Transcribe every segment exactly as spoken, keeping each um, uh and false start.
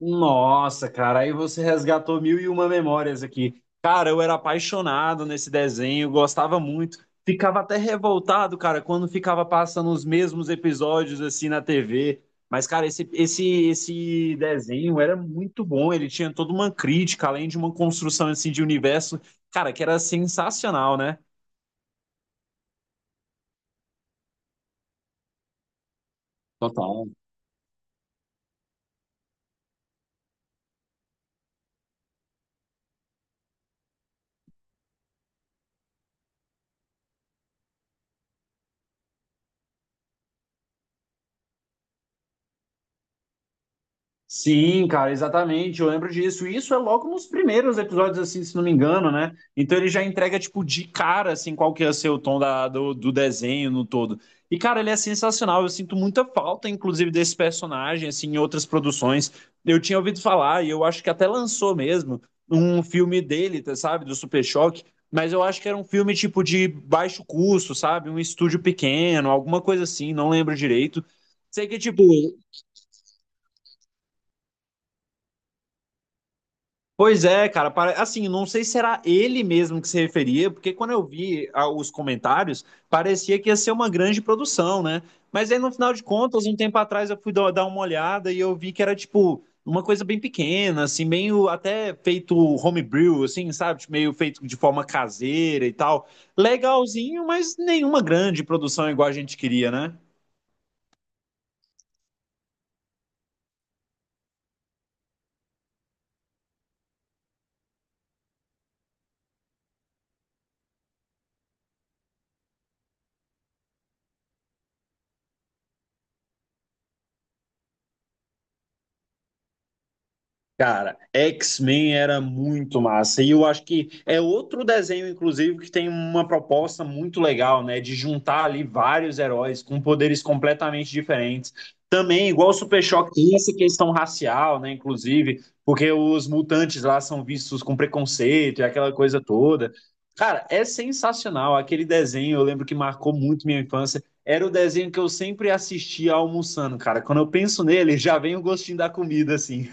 Nossa, cara, aí você resgatou mil e uma memórias aqui. Cara, eu era apaixonado nesse desenho, gostava muito. Ficava até revoltado, cara, quando ficava passando os mesmos episódios assim na T V. Mas, cara, esse, esse, esse desenho era muito bom. Ele tinha toda uma crítica, além de uma construção assim de universo, cara, que era sensacional, né? Total. Sim, cara, exatamente. Eu lembro disso. E isso é logo nos primeiros episódios, assim, se não me engano, né? Então ele já entrega, tipo, de cara, assim, qual que ia ser o tom da- do, do desenho no todo. E, cara, ele é sensacional. Eu sinto muita falta, inclusive, desse personagem, assim, em outras produções. Eu tinha ouvido falar, e eu acho que até lançou mesmo, um filme dele, tá, sabe? Do Super Choque. Mas eu acho que era um filme, tipo, de baixo custo, sabe? Um estúdio pequeno, alguma coisa assim, não lembro direito. Sei que, tipo, pois é, cara, pare- assim, não sei se era ele mesmo que se referia, porque quando eu vi ah, os comentários, parecia que ia ser uma grande produção, né? Mas aí, no final de contas, um tempo atrás eu fui dar dar uma olhada e eu vi que era, tipo, uma coisa bem pequena, assim, meio até feito homebrew, assim, sabe? Tipo, meio feito de forma caseira e tal. Legalzinho, mas nenhuma grande produção igual a gente queria, né? Cara, X-Men era muito massa. E eu acho que é outro desenho, inclusive, que tem uma proposta muito legal, né? De juntar ali vários heróis com poderes completamente diferentes. Também, igual o Super Choque, tem essa questão racial, né? Inclusive, porque os mutantes lá são vistos com preconceito e aquela coisa toda. Cara, é sensacional. Aquele desenho, eu lembro que marcou muito minha infância. Era o desenho que eu sempre assistia almoçando, cara. Quando eu penso nele, já vem o gostinho da comida, assim.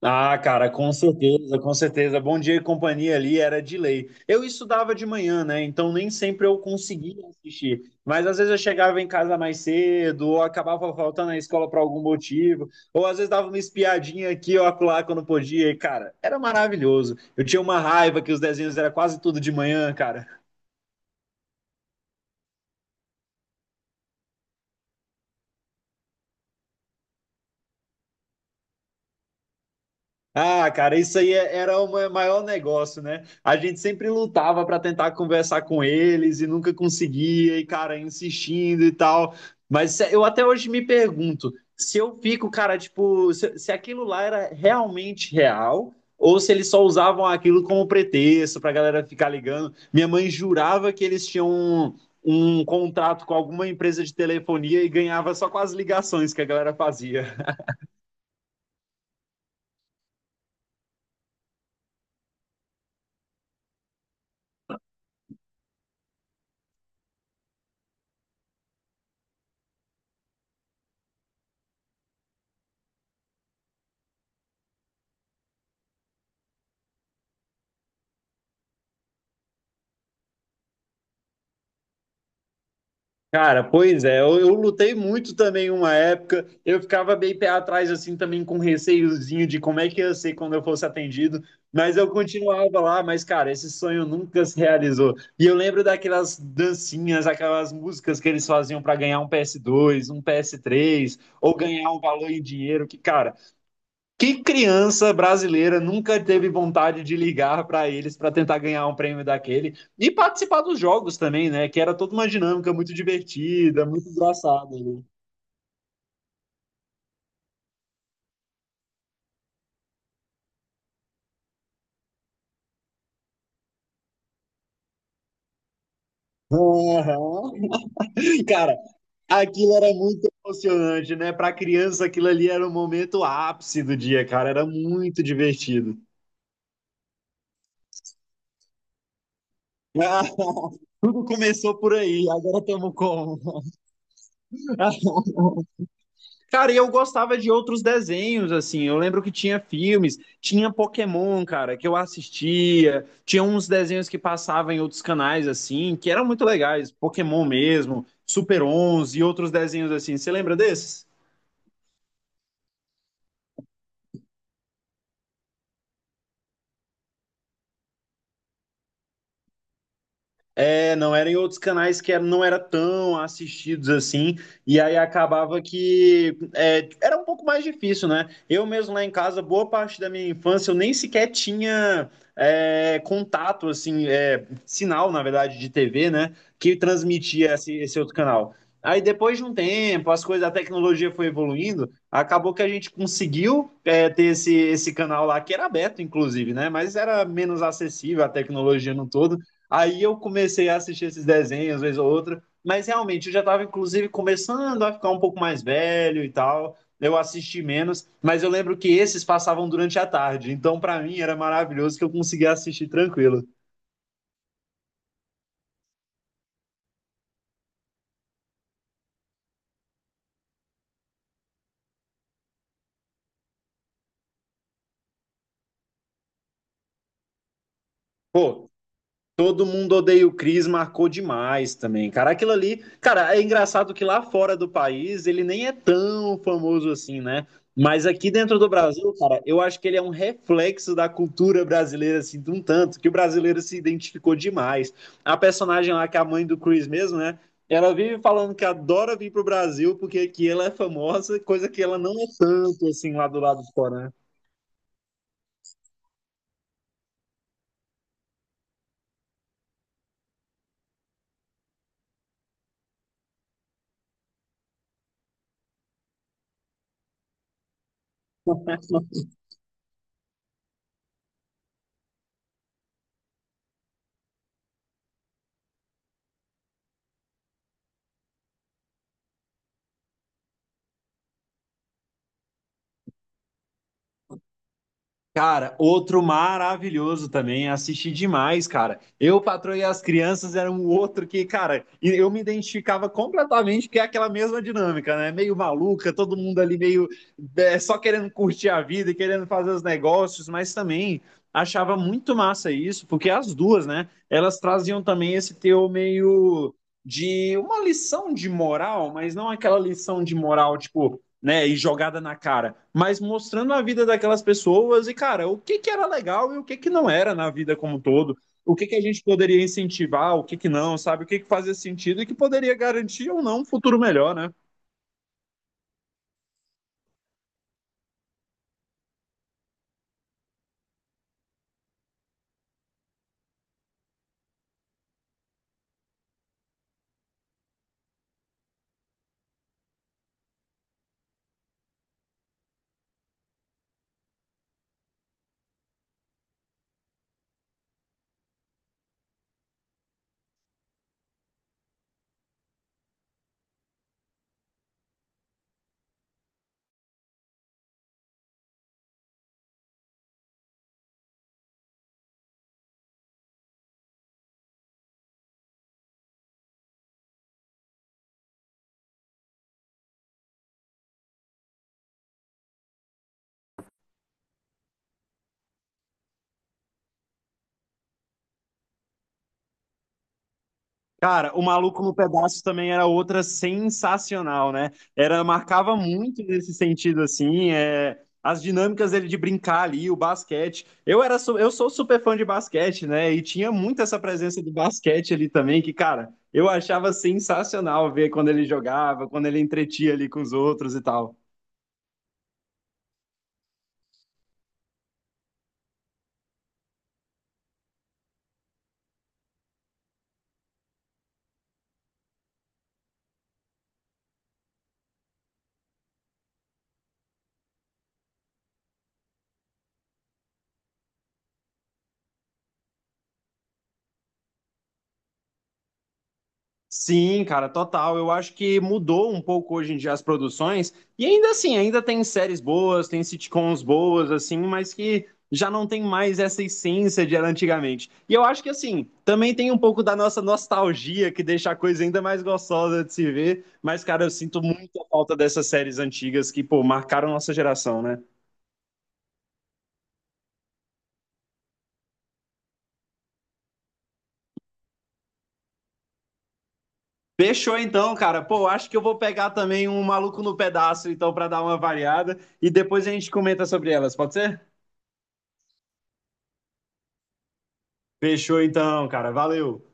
Ah, cara, com certeza, com certeza. Bom Dia e Companhia ali era de lei. Eu estudava de manhã, né? Então nem sempre eu conseguia assistir. Mas às vezes eu chegava em casa mais cedo, ou acabava faltando na escola por algum motivo, ou às vezes dava uma espiadinha aqui ou acolá quando podia. E, cara, era maravilhoso. Eu tinha uma raiva que os desenhos era quase tudo de manhã, cara. Ah, cara, isso aí é- era o ma- maior negócio, né? A gente sempre lutava para tentar conversar com eles e nunca conseguia, e cara, insistindo e tal. Mas se- eu até hoje me pergunto se eu fico, cara, tipo, se, se aquilo lá era realmente real ou se eles só usavam aquilo como pretexto pra galera ficar ligando. Minha mãe jurava que eles tinham um, um contrato com alguma empresa de telefonia e ganhava só com as ligações que a galera fazia. Cara, pois é, eu, eu lutei muito também uma época, eu ficava bem pé atrás, assim, também com receiozinho de como é que ia ser quando eu fosse atendido, mas eu continuava lá, mas, cara, esse sonho nunca se realizou. E eu lembro daquelas dancinhas, aquelas músicas que eles faziam para ganhar um P S dois, um P S três, ou ganhar um valor em dinheiro, que, cara, que criança brasileira nunca teve vontade de ligar para eles para tentar ganhar um prêmio daquele e participar dos jogos também, né? Que era toda uma dinâmica muito divertida, muito engraçada, né? Aham. Cara, aquilo era muito emocionante, né? Para criança, aquilo ali era o momento ápice do dia, cara. Era muito divertido. Tudo começou por aí, agora estamos como? Cara, e eu gostava de outros desenhos, assim. Eu lembro que tinha filmes, tinha Pokémon, cara, que eu assistia. Tinha uns desenhos que passavam em outros canais, assim, que eram muito legais. Pokémon mesmo, Super onze e outros desenhos assim. Você lembra desses? É, não era em outros canais, que era- não era tão assistidos assim, e aí acabava que é, era um pouco mais difícil, né? Eu mesmo lá em casa, boa parte da minha infância, eu nem sequer tinha é, contato, assim, é, sinal, na verdade, de T V, né? Que transmitia esse, esse outro canal. Aí depois de um tempo, as coisas, a tecnologia foi evoluindo, acabou que a gente conseguiu é, ter esse, esse canal lá, que era aberto, inclusive, né? Mas era menos acessível a tecnologia no todo. Aí eu comecei a assistir esses desenhos, vez ou outra, mas realmente eu já estava, inclusive, começando a ficar um pouco mais velho e tal. Eu assisti menos, mas eu lembro que esses passavam durante a tarde, então para mim era maravilhoso que eu conseguia assistir tranquilo. Pô, Todo Mundo Odeia o Chris marcou demais também. Cara, aquilo ali. Cara, é engraçado que lá fora do país ele nem é tão famoso assim, né? Mas aqui dentro do Brasil, cara, eu acho que ele é um reflexo da cultura brasileira, assim, de um tanto, que o brasileiro se identificou demais. A personagem lá, que é a mãe do Chris mesmo, né? Ela vive falando que adora vir pro Brasil porque aqui ela é famosa, coisa que ela não é tanto, assim, lá do lado de fora, né? Cara, outro maravilhoso também, assisti demais, cara. Eu, Patroa e as Crianças era um outro que, cara, e eu me identificava completamente, porque é aquela mesma dinâmica, né? Meio maluca, todo mundo ali meio é, só querendo curtir a vida, e querendo fazer os negócios, mas também achava muito massa isso, porque as duas, né? Elas traziam também esse teu meio de uma lição de moral, mas não aquela lição de moral, tipo né, e jogada na cara, mas mostrando a vida daquelas pessoas e, cara, o que que era legal e o que que não era na vida como um todo, o que que a gente poderia incentivar, o que que não, sabe, o que que fazia sentido e que poderia garantir ou não um futuro melhor, né? Cara, o Maluco no Pedaço também era outra sensacional, né? Era, marcava muito nesse sentido, assim, é, as dinâmicas dele de brincar ali, o basquete. Eu era, su- eu sou super fã de basquete, né? E tinha muito essa presença do basquete ali também, que, cara, eu achava sensacional ver quando ele jogava, quando ele entretia ali com os outros e tal. Sim, cara, total. Eu acho que mudou um pouco hoje em dia as produções. E ainda assim, ainda tem séries boas, tem sitcoms boas, assim, mas que já não tem mais essa essência de era antigamente. E eu acho que, assim, também tem um pouco da nossa nostalgia que deixa a coisa ainda mais gostosa de se ver. Mas, cara, eu sinto muita falta dessas séries antigas que, pô, marcaram nossa geração, né? Fechou então, cara. Pô, acho que eu vou pegar também um Maluco no Pedaço, então, pra dar uma variada. E depois a gente comenta sobre elas, pode ser? Fechou então, cara. Valeu.